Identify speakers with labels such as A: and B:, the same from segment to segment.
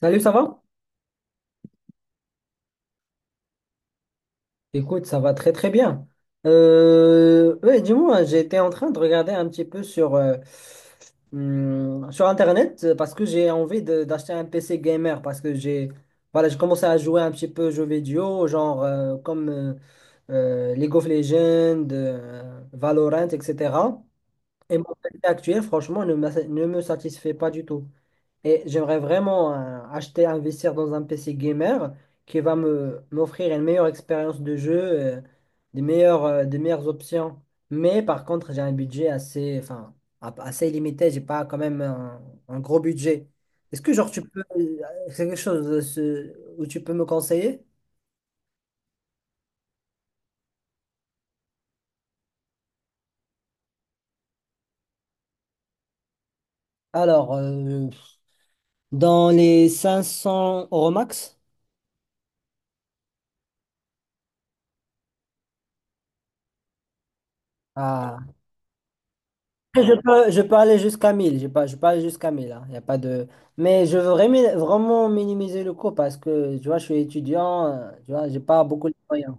A: Salut, ça va? Écoute, ça va très très bien. Ouais, dis-moi, j'étais en train de regarder un petit peu sur Internet parce que j'ai envie d'acheter un PC gamer parce que j'ai voilà, j'ai commencé à jouer un petit peu aux jeux vidéo, genre comme League of Legends, Valorant, etc. Et mon PC actuel, franchement, ne me satisfait pas du tout. Et j'aimerais vraiment acheter, investir dans un PC gamer qui va me m'offrir une meilleure expérience de jeu, euh, des meilleures options. Mais par contre, j'ai un budget assez, enfin, assez limité. J'ai pas quand même un gros budget. Est-ce que genre tu peux, c'est quelque chose où tu peux me conseiller? Alors, dans les 500 € max? Je peux aller jusqu'à mille, hein, y a pas de... Mais je veux vraiment, vraiment minimiser le coût parce que, tu vois, je suis étudiant, tu vois, j'ai pas beaucoup de moyens.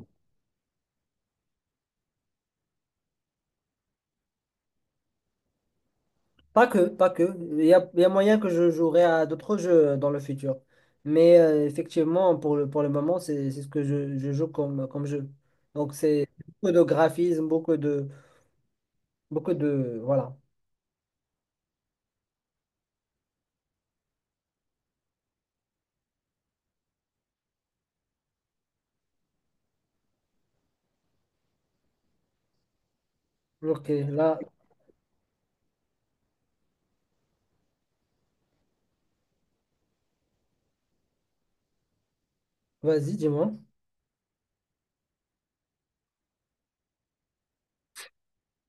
A: Pas que, pas que. Il y a moyen que je jouerai à d'autres jeux dans le futur. Mais effectivement, pour le moment, c'est ce que je joue comme jeu. Donc, c'est beaucoup de graphisme, beaucoup de, beaucoup de, voilà. Ok, là, vas-y, dis-moi.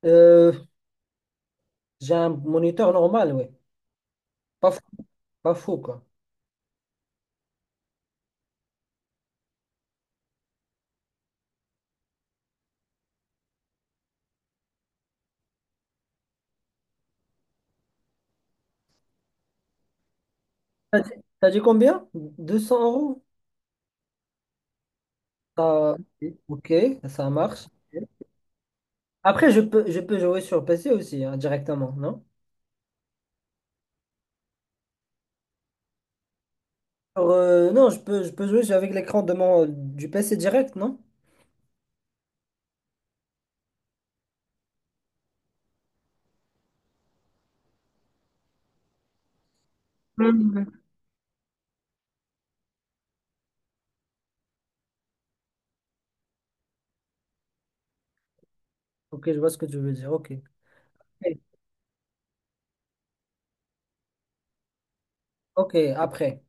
A: Euh, j'ai un moniteur normal, ouais. Pas fou, pas fou, quoi. T'as dit t'as dit combien? 200 euros? Ah, ok, ça marche. Après, je peux jouer sur PC aussi, hein, directement, non? Non, je peux jouer avec l'écran de du PC direct, non? Mm. Ok, je vois ce que tu veux dire. Ok. Ok, ok, après.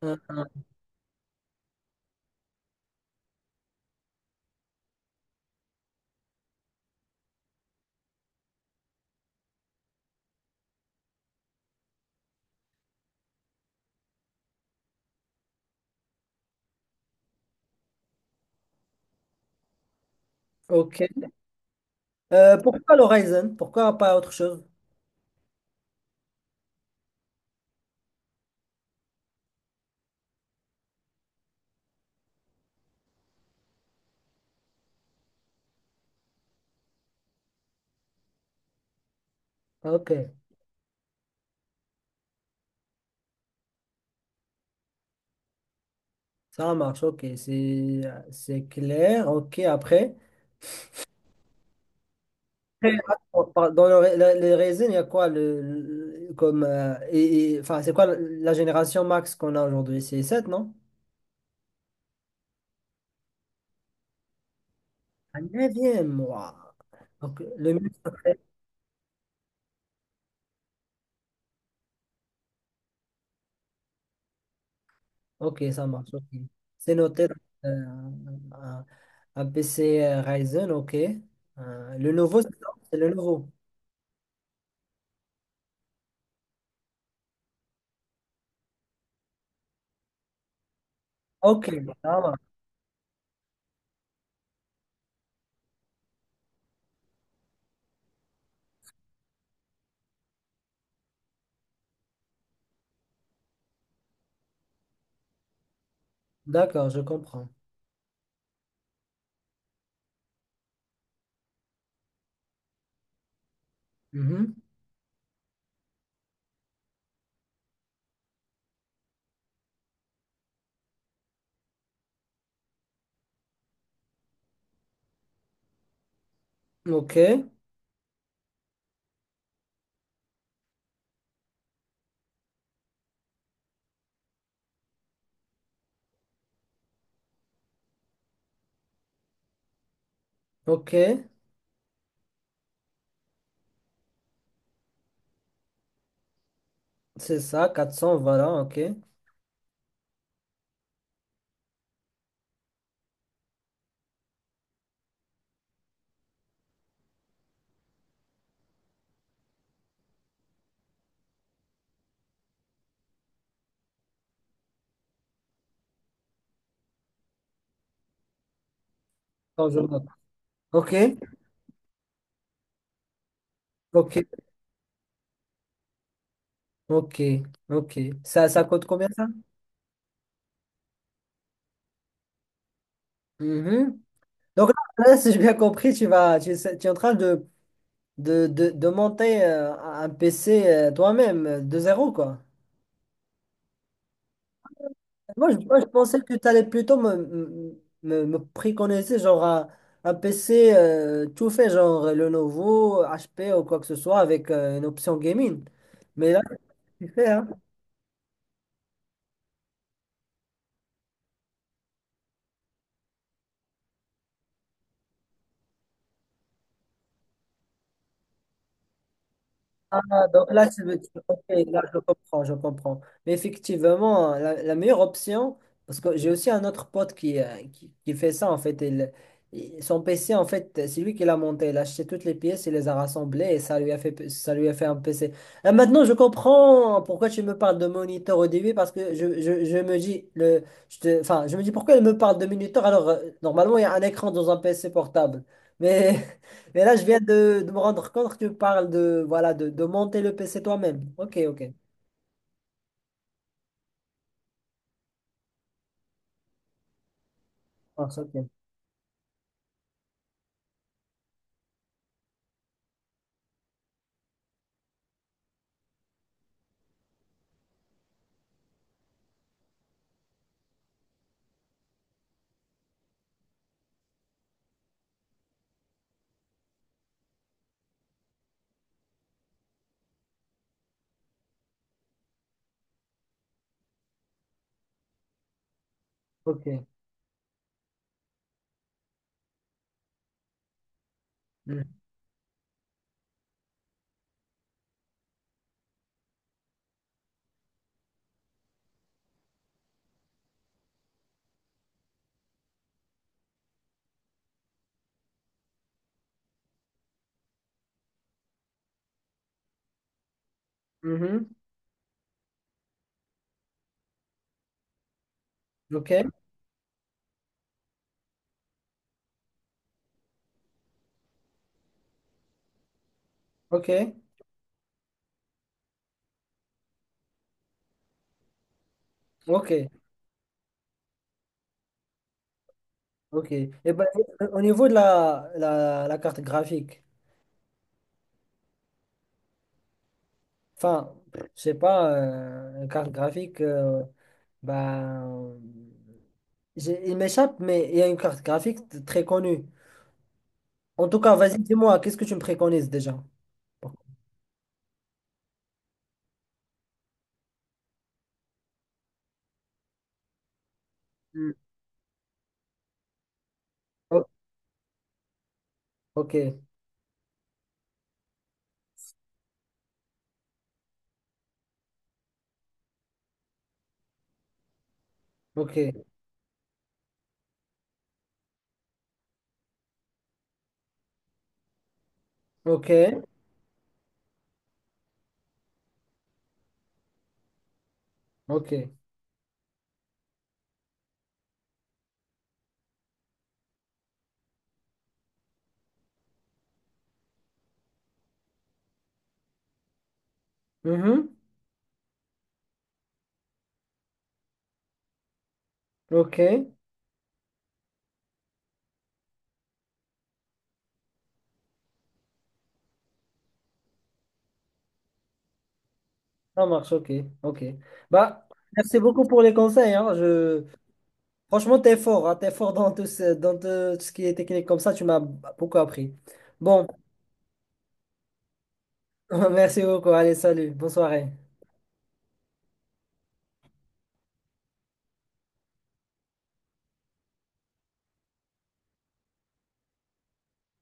A: Hein, hein, ok. Pourquoi l'Horizon? Pourquoi pas autre chose? Ok, ça marche. Ok, c'est clair. Ok, après. Très rare. Dans les raisins, il y a quoi comme enfin c'est quoi la génération max qu'on a aujourd'hui? C'est sept non? La 9, waouh. Donc, le mieux, ça serait. Ok, ça marche. Ok. C'est noté dans, euh, un, un PC Ryzen, ok. Le nouveau, c'est ça. C'est le nouveau. Ok, ça marche. D'accord, je comprends. Mhm. Ok, ok, c'est ça, 400 voilà, ok. Quand je note. Ok, ok. Ok, ok. Ça coûte combien ça? Mhm. Donc là, là, si j'ai bien compris, tu vas, tu, sais- tu es en train de monter un PC toi-même de zéro, quoi. Moi, je pensais que tu allais plutôt me préconiser genre un PC tout fait, genre Lenovo, HP ou quoi que ce soit, avec une option gaming. Mais là, tu fais, hein? Ah, donc là, tu veux dire, ok, là, je comprends, je comprends. Mais effectivement, la meilleure option, parce que j'ai aussi un autre pote qui fait ça, en fait. Son PC, en fait, c'est lui qui l'a monté. Il a acheté toutes les pièces, il les a rassemblées et ça lui a fait un PC. Ah, maintenant, je comprends pourquoi tu me parles de moniteur au début, parce que je me dis, enfin, je me dis pourquoi il me parle de moniteur alors normalement, il y a un écran dans un PC portable. Mais. Mais là, je viens de me rendre compte que tu parles de, voilà, de monter le PC toi-même. Ok, ok. Ah, ça, ok, ok. Mhm. Mhm. Ok, ok, ok, ok. Et ben, au niveau de la carte graphique, enfin, je sais pas, la carte graphique, ben, il m'échappe, mais il y a une carte graphique très connue. En tout cas, vas-y, dis-moi, qu'est-ce que tu me préconises déjà? Mm. O- Ok, ok, ok, ok. Mhm. Ok. Ça marche, ok, ok. Bah, merci beaucoup pour les conseils, hein. Je... Franchement, t'es fort, hein. T'es fort dans tout ce qui est technique comme ça, tu m'as beaucoup appris. Bon, merci beaucoup, allez, salut, bonne soirée.